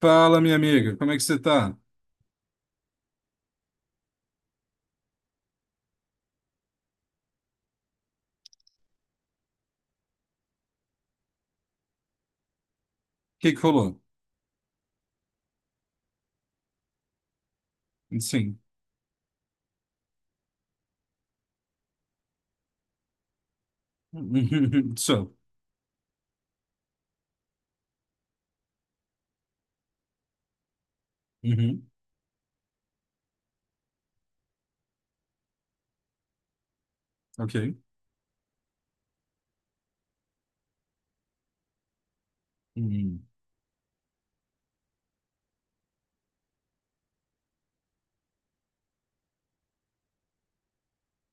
Fala, minha amiga, como é que você tá? O que que rolou? Sim. So. Uhum. Ok. Uhum.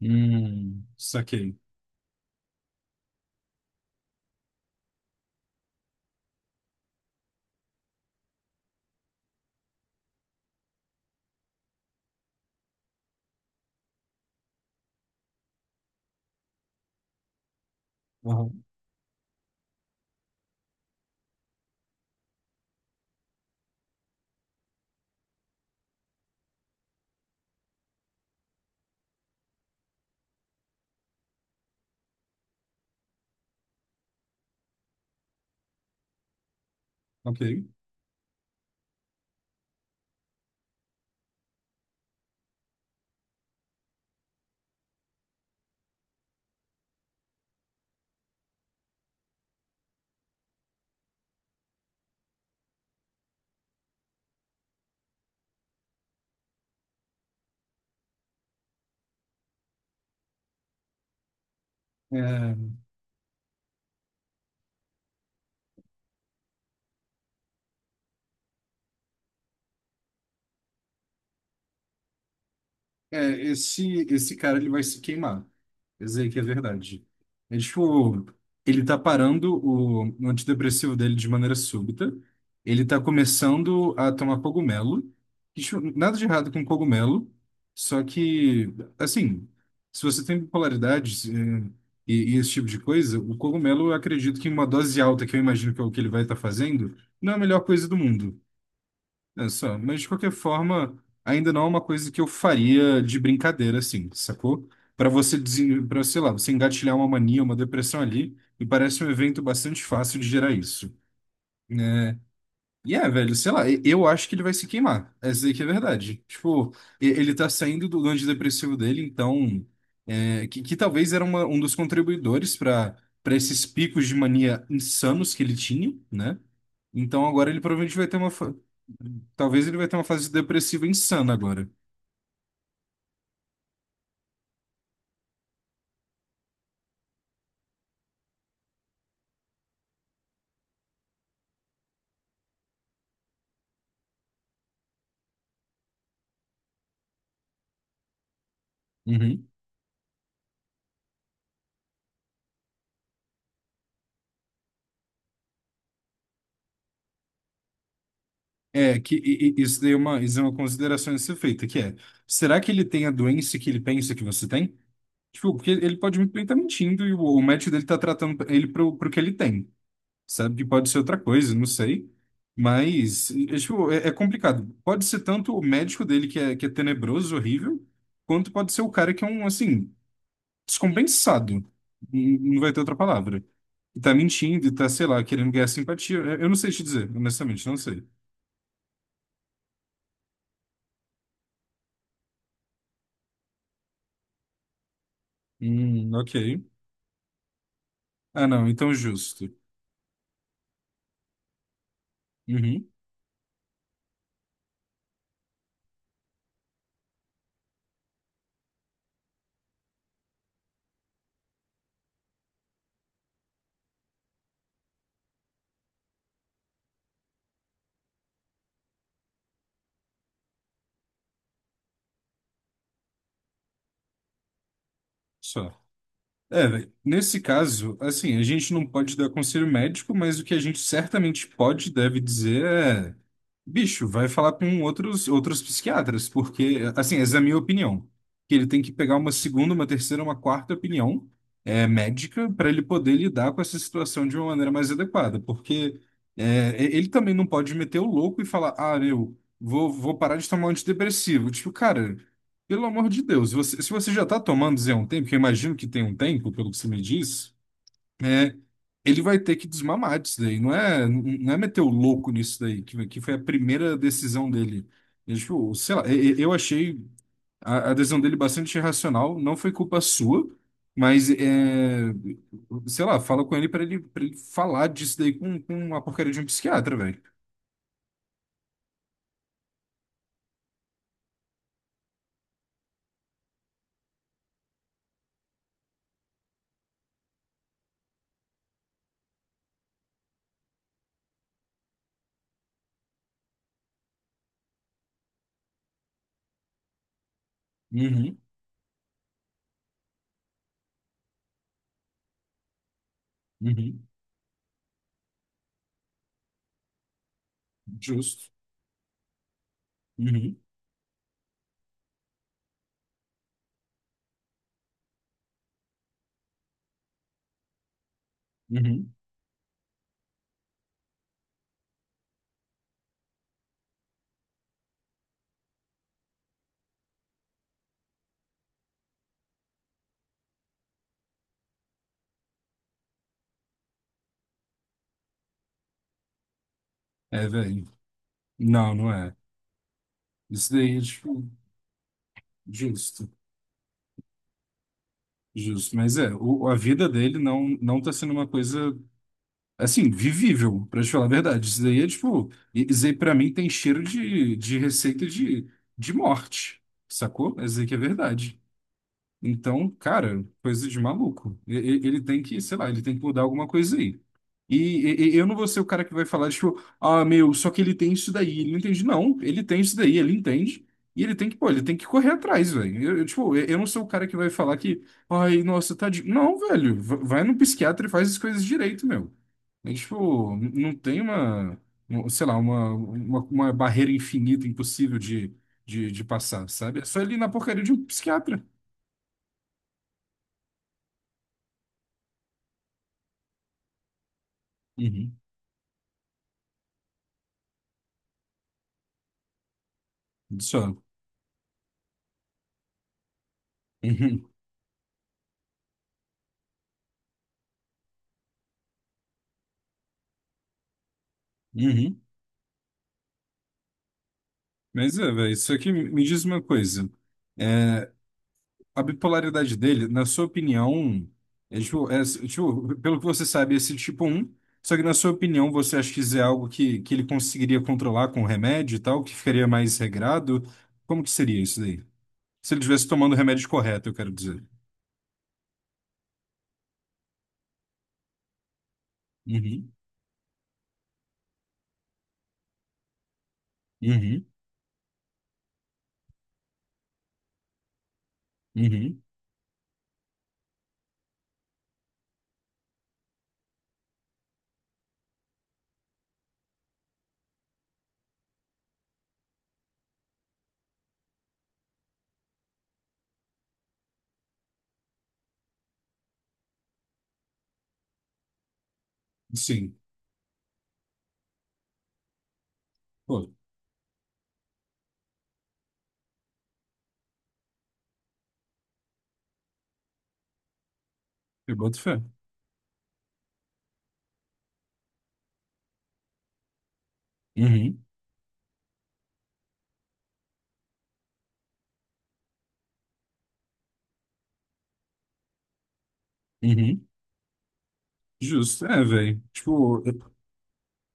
Saquei. Uhum. Ok. É, É, esse, esse cara ele vai se queimar. Isso aí que é verdade. É tipo, ele tá parando o antidepressivo dele de maneira súbita. Ele tá começando a tomar cogumelo. Que, tipo, nada de errado com cogumelo. Só que, assim, se você tem bipolaridade se- e esse tipo de coisa, o cogumelo, eu acredito que em uma dose alta, que eu imagino que é o que ele vai estar fazendo, não é a melhor coisa do mundo. É só, mas de qualquer forma, ainda não é uma coisa que eu faria de brincadeira, assim, sacou? Para pra, sei lá, você engatilhar uma mania, uma depressão ali, me parece um evento bastante fácil de gerar isso. E é, velho, sei lá, eu acho que ele vai se queimar. Essa aí que é a verdade. Tipo, ele tá saindo do antidepressivo dele, então. É, que talvez era um dos contribuidores para para esses picos de mania insanos que ele tinha, né? Então agora ele provavelmente vai ter uma. Talvez ele vai ter uma fase depressiva insana agora. Uhum. É, que isso daí é uma, isso é uma consideração a ser feita, que é, será que ele tem a doença que ele pensa que você tem? Tipo, porque ele pode muito bem estar mentindo e o match dele tá tratando ele pro que ele tem, sabe? Que pode ser outra coisa, não sei. Mas, é, tipo, é, é complicado. Pode ser tanto o médico dele que é tenebroso, horrível, quanto pode ser o cara que é um, assim, descompensado. Não vai ter outra palavra. E tá mentindo e tá, sei lá, querendo ganhar simpatia. Eu não sei te dizer, honestamente, não sei. Ok. Ah, não, então justo. Uhum, só. É, velho, nesse caso, assim, a gente não pode dar conselho médico, mas o que a gente certamente pode e deve dizer é, bicho, vai falar com outros psiquiatras, porque, assim, essa é a minha opinião, que ele tem que pegar uma segunda, uma terceira, uma quarta opinião é, médica, para ele poder lidar com essa situação de uma maneira mais adequada, porque é, ele também não pode meter o louco e falar, ah, meu, vou parar de tomar antidepressivo. Tipo, cara, pelo amor de Deus, se você já está tomando Zé um tempo, que eu imagino que tem um tempo, pelo que você me diz, é, ele vai ter que desmamar disso daí. Não é, não é meter o louco nisso daí, que foi a primeira decisão dele. Eu, tipo, sei lá, eu achei a decisão dele bastante irracional, não foi culpa sua, mas, é, sei lá, fala com ele para ele, para ele falar disso daí com a porcaria de um psiquiatra, velho. Uhum, uhum, justo. Uhum, uhum. É, velho. Não, não é. Isso daí, tipo, justo, justo. Mas é, o, a vida dele não, não tá sendo uma coisa, assim, vivível, pra te falar a verdade. Isso daí é, tipo, isso aí pra mim tem cheiro de receita de morte, sacou? Mas isso aí que é verdade. Então, cara, coisa de maluco. Ele tem que, sei lá, ele tem que mudar alguma coisa aí. E, e eu não vou ser o cara que vai falar, tipo, ah, meu, só que ele tem isso daí. Ele não entende. Não, ele tem isso daí, ele entende. E ele tem que, pô, ele tem que correr atrás, velho. Eu, tipo, eu não sou o cara que vai falar que, ai, nossa, tadinho. Não, velho, vai no psiquiatra e faz as coisas direito, meu. É, tipo, não tem uma, sei lá, uma barreira infinita, impossível de passar, sabe? É só ele ir na porcaria de um psiquiatra. Uhum. Só. Uhum, uhum. Mas é, velho, isso aqui me diz uma coisa. É, a bipolaridade dele, na sua opinião, é, tipo, pelo que você sabe, é esse tipo um. Só que na sua opinião, você acha que isso é algo que ele conseguiria controlar com remédio e tal, que ficaria mais regrado? Como que seria isso daí? Se ele estivesse tomando o remédio correto, eu quero dizer. Uhum, uhum, uhum. Sim. Pô, eu boto fé. Uhum, uhum. Justo. É, velho. Tipo,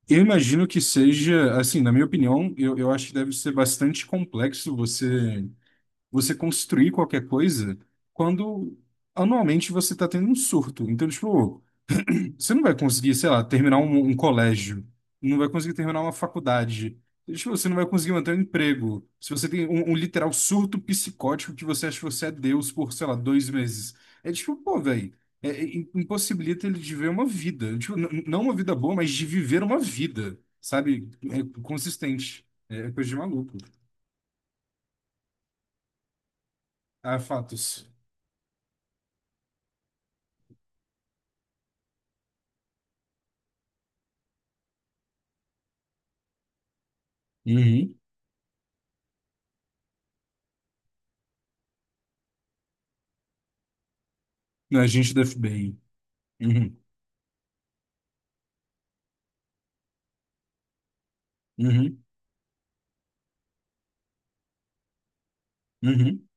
eu imagino que seja, assim, na minha opinião, eu acho que deve ser bastante complexo você você construir qualquer coisa quando anualmente você está tendo um surto. Então, tipo, você não vai conseguir, sei lá, terminar um colégio, não vai conseguir terminar uma faculdade. Tipo, você não vai conseguir manter um emprego. Se você tem um literal surto psicótico que você acha que você é Deus por, sei lá, dois meses. É tipo, pô, velho, é, é, impossibilita ele de ver uma vida. Tipo, não uma vida boa, mas de viver uma vida, sabe? É consistente. É é coisa de maluco. Ah, fatos. Uhum. A gente da FBI. Uhum. Uhum. Uhum.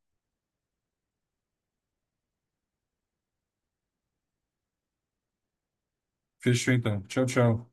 Fechou então. Tchau, tchau.